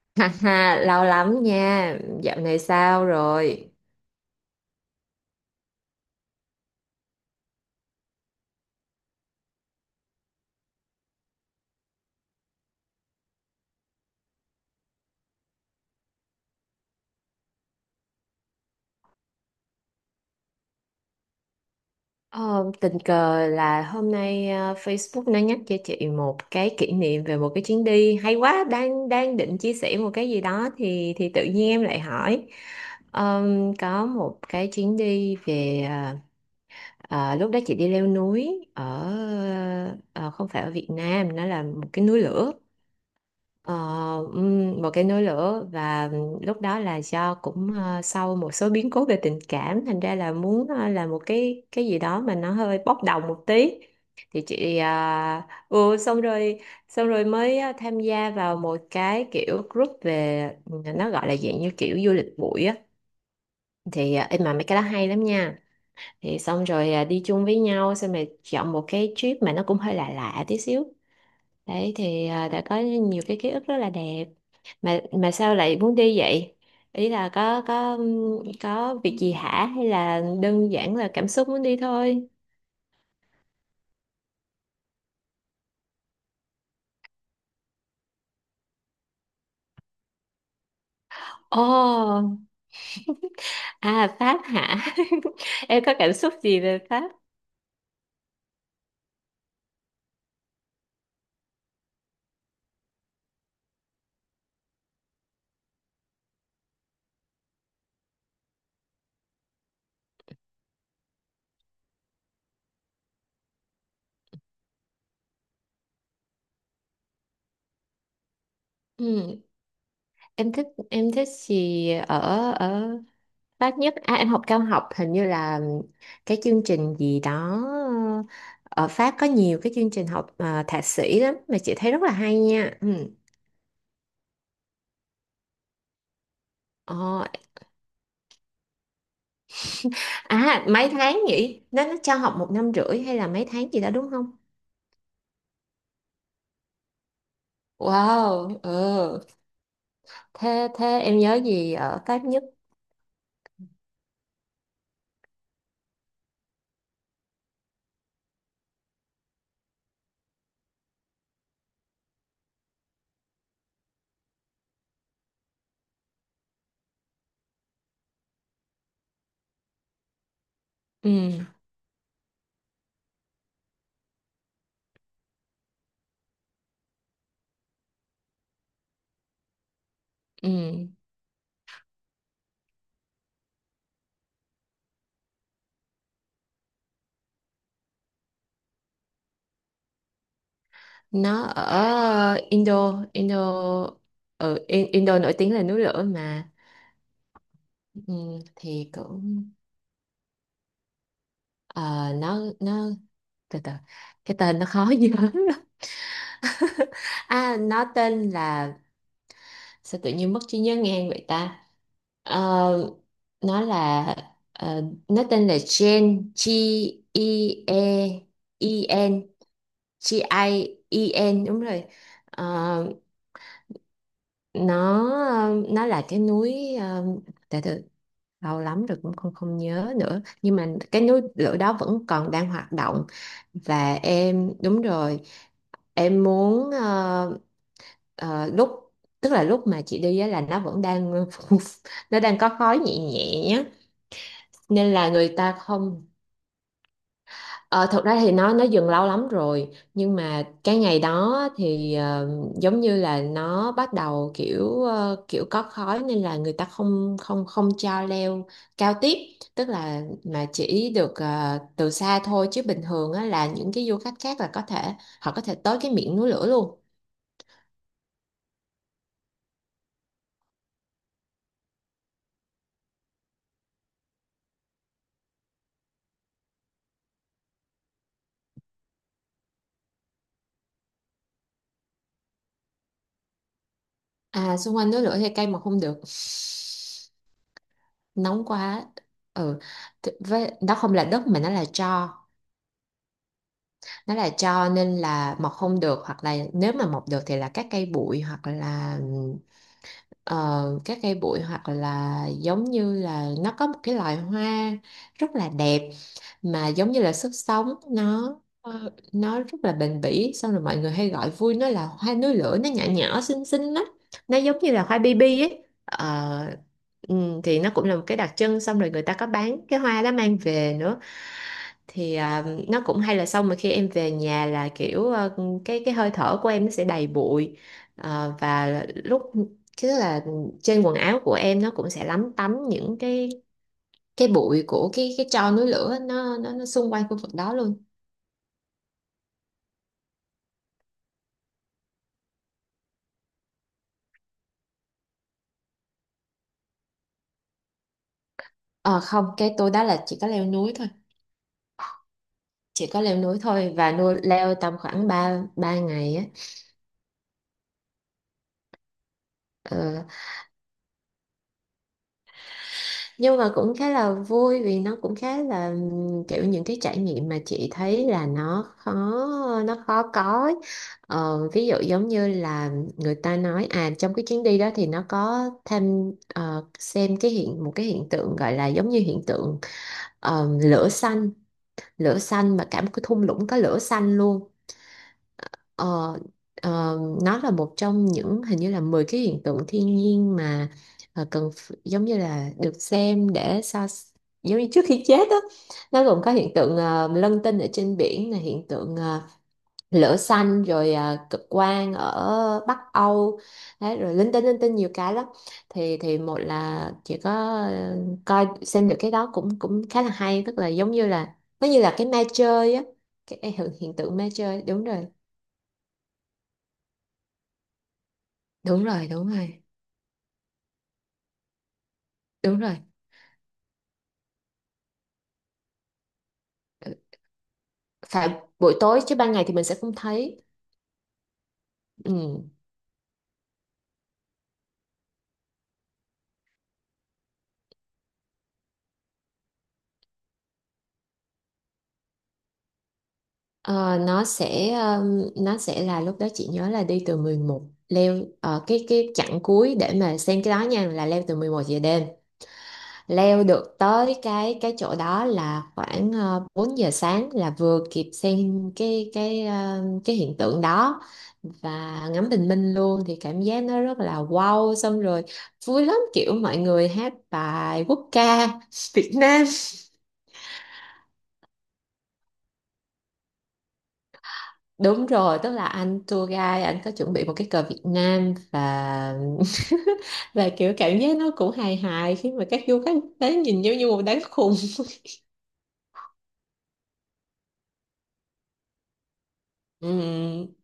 Ha ha, lâu lắm nha. Dạo này sao rồi? Ờ, Tình cờ là hôm nay Facebook nó nhắc cho chị một cái kỷ niệm về một cái chuyến đi hay quá. Đang đang định chia sẻ một cái gì đó, thì tự nhiên em lại hỏi. Có một cái chuyến đi về, lúc đó chị đi leo núi ở, ờ, không phải ở Việt Nam, nó là một cái núi lửa. Ờ, Một cái nối lửa. Và lúc đó là do cũng, sau một số biến cố về tình cảm, thành ra là muốn, làm một cái gì đó mà nó hơi bốc đồng một tí. Thì chị, ừ, xong rồi xong rồi mới, tham gia vào một cái kiểu group về, nó gọi là dạng như kiểu du lịch bụi á. Thì, em mà mấy cái đó hay lắm nha. Thì xong rồi, đi chung với nhau, xong rồi chọn một cái trip mà nó cũng hơi lạ lạ tí xíu. Đấy thì, đã có nhiều cái ký ức rất là đẹp. Mà sao lại muốn đi vậy? Ý là có có việc gì hả, hay là đơn giản là cảm xúc muốn đi thôi? Ồ, à Pháp hả? Em có cảm xúc gì về Pháp? Ừ. Em thích, em thích gì ở ở Pháp nhất? À, em học cao học hình như là cái chương trình gì đó. Ờ, Ở Pháp có nhiều cái chương trình học à, thạc sĩ lắm, mà chị thấy rất là hay nha. Ừ. Ờ, à mấy tháng nhỉ? Nó cho học một năm rưỡi hay là mấy tháng gì đó đúng không? Wow, ừ. Thế thế em nhớ gì ở Pháp nhất? Ừ, ừ. Nó ở Indo, ừ, Indo nổi tiếng là núi lửa mà. Ừ, thì cũng, ờ, nó từ từ, cái tên nó khó nhớ lắm. À nó tên là, sao tự nhiên mất trí nhớ ngang vậy ta? Ờ, nó là, nó tên là Gen G, E, E, E N, G, I, E N, đúng rồi. Ờ, nó nó là cái núi, từ từ, lâu lắm rồi cũng không không nhớ nữa, nhưng mà cái núi lửa đó vẫn còn đang hoạt động, và em đúng rồi. Em muốn, ờ, lúc, tức là lúc mà chị đi á là nó vẫn đang đang có khói nhẹ nhẹ á, nên là người ta không. Ờ, Thật ra thì nó dừng lâu lắm rồi, nhưng mà cái ngày đó thì, giống như là nó bắt đầu kiểu có khói, nên là người ta không không không cho leo cao tiếp, tức là mà chỉ được, từ xa thôi, chứ bình thường á, là những cái du khách khác là có thể, họ có thể tới cái miệng núi lửa luôn. À xung quanh núi lửa thì cây mà không được, nóng quá. Ừ. Thì với nó không là đất mà nó là tro, nó là tro, nên là mọc không được, hoặc là nếu mà mọc được thì là các cây bụi, hoặc là, ờ, các cây bụi, hoặc là giống như là nó có một cái loài hoa rất là đẹp, mà giống như là sức sống nó, nó rất là bền bỉ. Xong rồi mọi người hay gọi vui nó là hoa núi lửa, nó nhỏ nhỏ xinh xinh lắm, nó giống như là hoa baby ấy. Ờ, ừ, thì nó cũng là một cái đặc trưng, xong rồi người ta có bán cái hoa đó mang về nữa, thì à, nó cũng hay. Là xong mà khi em về nhà là kiểu, cái hơi thở của em nó sẽ đầy bụi. Ờ, và lúc, chứ là trên quần áo của em nó cũng sẽ lấm tấm những cái bụi của cái tro núi lửa ấy, nó, nó xung quanh khu vực đó luôn. Ờ Không, cái tôi đó là chỉ có leo núi thôi, chỉ có leo núi thôi. Và nuôi leo tầm khoảng ba ba ngày á. Ờ, nhưng mà cũng khá là vui, vì nó cũng khá là, kiểu những cái trải nghiệm mà chị thấy là nó khó có ấy. Ví dụ giống như là người ta nói, à, trong cái chuyến đi đó thì nó có thêm, xem cái một cái hiện tượng gọi là giống như hiện tượng, lửa xanh, mà cả một cái thung lũng có lửa xanh luôn. Ờ, ờ, nó là một trong những, hình như là 10 cái hiện tượng thiên nhiên mà, cần giống như là được xem để giống như trước khi chết á. Nó gồm có hiện tượng, lân tinh ở trên biển, là hiện tượng, lửa xanh, rồi, cực quang ở Bắc Âu. Đấy, rồi linh tinh nhiều cái lắm. Thì một là chỉ có, ờ, coi xem được cái đó cũng cũng khá là hay, tức là giống như là nó như là cái ma chơi á, cái hiện hiện tượng ma chơi. Đúng rồi, đúng rồi, đúng rồi, đúng rồi. Ừ, phải buổi tối chứ ban ngày thì mình sẽ không thấy. Ừ. Ờ, nó sẽ, là lúc đó chị nhớ là đi từ 11, leo, cái chặng cuối để mà xem cái đó nha, là leo từ 11 giờ đêm, leo được tới cái chỗ đó là khoảng, 4 giờ sáng, là vừa kịp xem cái hiện tượng đó và ngắm bình minh luôn, thì cảm giác nó rất là wow. Xong rồi vui lắm, kiểu mọi người hát bài quốc ca Việt Nam. Đúng rồi, tức là anh tour guide anh có chuẩn bị một cái cờ Việt Nam, và và kiểu cảm giác nó cũng hài hài khi mà các du khách đến nhìn giống như một đám khùng. Ừ,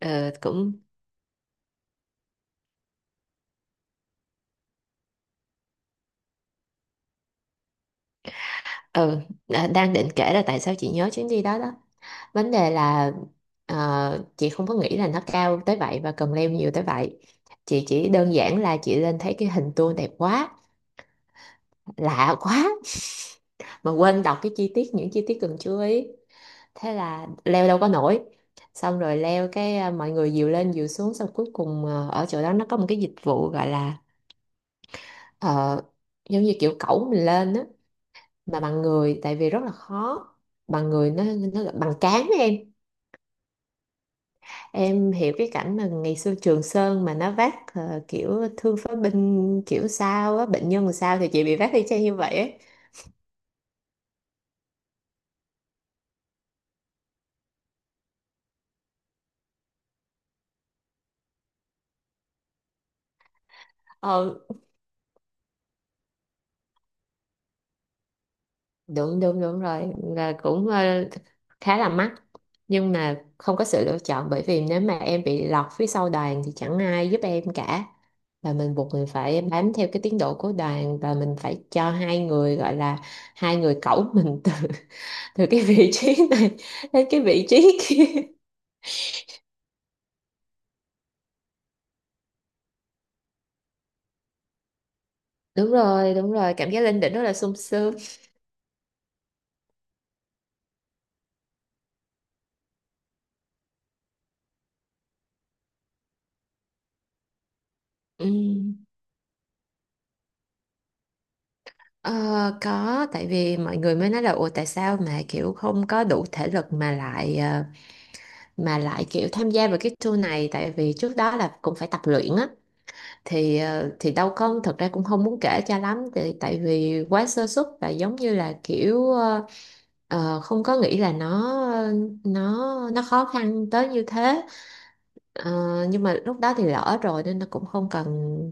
ờ, cũng. Ừ. Đang định kể là tại sao chị nhớ chuyến đi đó đó. Vấn đề là, chị không có nghĩ là nó cao tới vậy và cần leo nhiều tới vậy. Chị chỉ đơn giản là chị lên thấy cái hình tour đẹp quá, lạ quá, mà quên đọc cái chi tiết, những chi tiết cần chú ý. Thế là leo đâu có nổi. Xong rồi leo cái, à, mọi người dìu lên dìu xuống, xong cuối cùng, ở chỗ đó nó có một cái dịch vụ gọi là, ờ, giống như kiểu cẩu mình lên á, mà bằng người, tại vì rất là khó. Bằng người, nó bằng cán á em. Em hiểu cái cảnh mà ngày xưa Trường Sơn mà nó vác, kiểu thương phế binh kiểu sao á, bệnh nhân sao, thì chị bị vác y chang như vậy ấy. Ờ, Đúng đúng đúng rồi, là cũng, khá là mắc, nhưng mà không có sự lựa chọn, bởi vì nếu mà em bị lọt phía sau đoàn thì chẳng ai giúp em cả. Và mình buộc mình phải bám theo cái tiến độ của đoàn, và mình phải cho hai người gọi là, hai người cẩu mình từ từ cái vị trí này đến cái vị trí kia. Đúng rồi, đúng rồi, cảm giác lên đỉnh rất là sung sướng. Ừm, ờ, có, tại vì mọi người mới nói là ủa tại sao mà kiểu không có đủ thể lực mà lại, kiểu tham gia vào cái tour này, tại vì trước đó là cũng phải tập luyện á. Thì, đâu có, thật ra cũng không muốn kể cho lắm tại, tại vì quá sơ suất, và giống như là kiểu, không có nghĩ là nó nó khó khăn tới như thế. Ờ, nhưng mà lúc đó thì lỡ rồi nên nó cũng không cần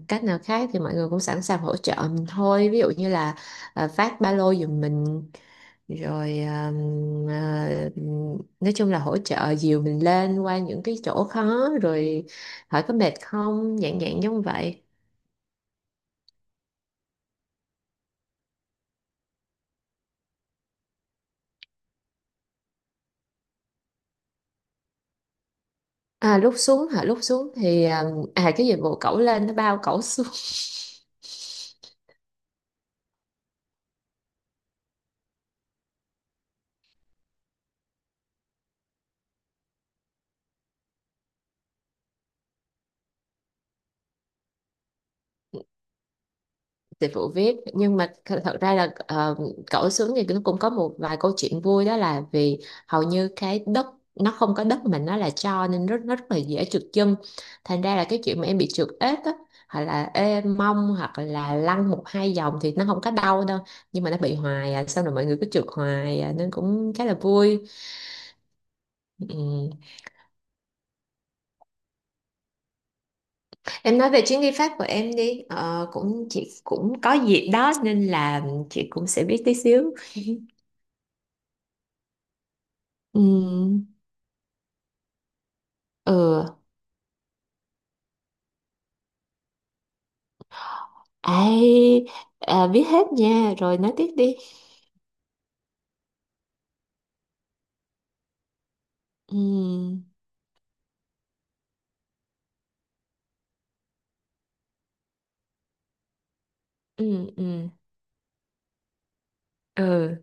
cách nào khác, thì mọi người cũng sẵn sàng hỗ trợ mình thôi, ví dụ như là, phát ba lô giùm mình, rồi, ờ, nói chung là hỗ trợ dìu mình lên qua những cái chỗ khó, rồi hỏi có mệt không, dạng dạng giống vậy. À lúc xuống hả, lúc xuống thì, à cái dịch vụ cẩu lên nó bao cẩu xuống. Dịch vụ viết nhưng mà thật ra là, cẩu xuống thì nó cũng có một vài câu chuyện vui, đó là vì hầu như cái đất, nó không có đất mà nó là, cho nên nó rất là dễ trượt chân. Thành ra là cái chuyện mà em bị trượt ếch á, hoặc là ê mông, hoặc là lăn một hai vòng thì nó không có đau đâu. Nhưng mà nó bị hoài à, xong rồi mọi người cứ trượt hoài à, nên cũng khá là vui. Ừ. Em nói về chuyến đi Pháp của em đi. Ờ, Cũng chị cũng có dịp đó nên là chị cũng sẽ biết tí xíu. Ừ, ừ. Ai, à, biết hết nha, rồi nói tiếp đi. Ừ, ừ, ừ, ừ,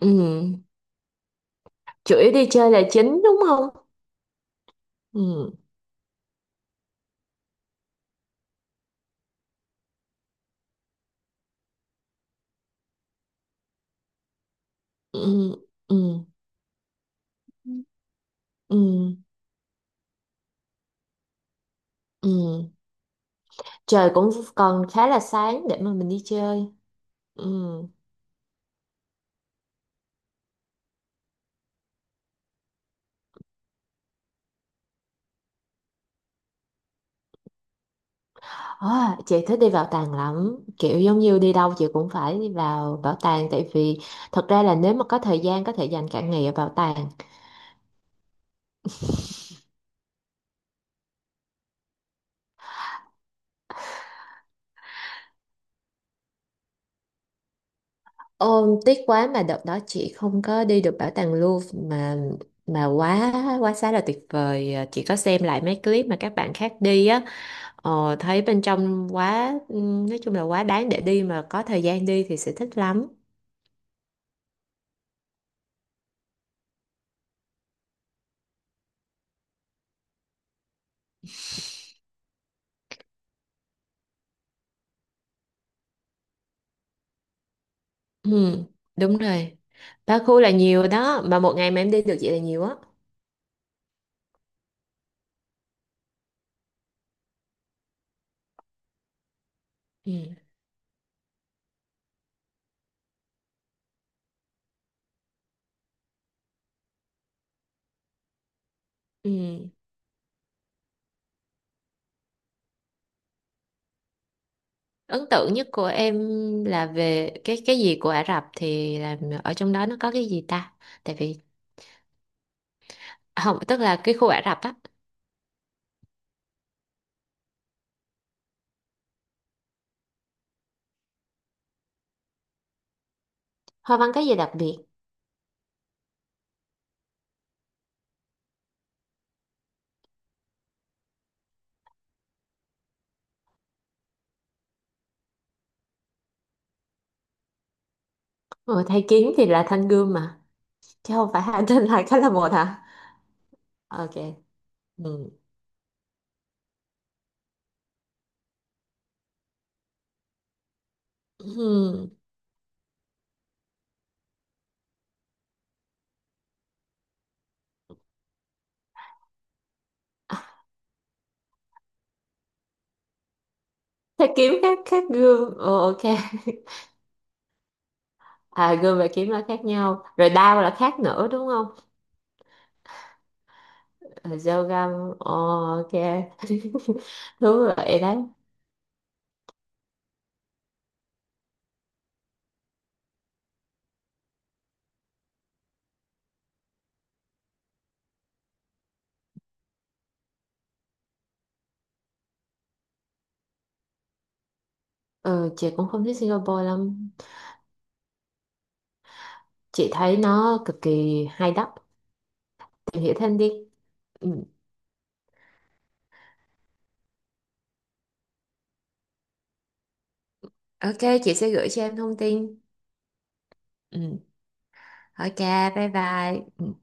ừ. Chủ yếu đi chơi là chính đúng không? Ừ, ừ, ừ, ừ, ừ. Trời cũng còn khá là sáng để mà mình đi chơi. Ừ. À, chị thích đi bảo tàng lắm, kiểu giống như đi đâu chị cũng phải đi vào bảo tàng, tại vì thật ra là nếu mà có thời gian có thể dành cả ngày ở bảo tàng. Ôm tiếc quá, mà đợt đó chị không có đi được bảo tàng Louvre, mà quá quá xá là tuyệt vời. À, chị có xem lại mấy clip mà các bạn khác đi á, thấy bên trong quá, nói chung là quá đáng để đi, mà có thời gian đi thì sẽ thích lắm. Ừ, đúng rồi. Ba khu là nhiều đó, mà một ngày mà em đi được vậy là nhiều á. Ừ, ừ. Ấn tượng nhất của em là về cái gì của Ả Rập thì là, ở trong đó nó có cái gì ta, tại vì không, tức là cái khu Ả Rập á. Hoa văn có gì đặc biệt? Ừ, thầy kiếm thì là thanh gươm mà, chứ không phải hai trên hai cái là một hả? Ok. Ừ. Ừ. Thầy kiếm khác khác gươm. Ừ, ok. À gươm và kiếm là khác nhau. Rồi đao là khác nữa đúng không? Ờ, Dao găm. Ồ, ok. Đúng rồi đấy. Ừ, chị cũng không thích Singapore lắm. Chị thấy nó cực kỳ hay đó. Tìm hiểu thêm đi. Ừ. Ok, chị sẽ gửi cho em thông tin. Ừ. Ok, bye bye. Ừ.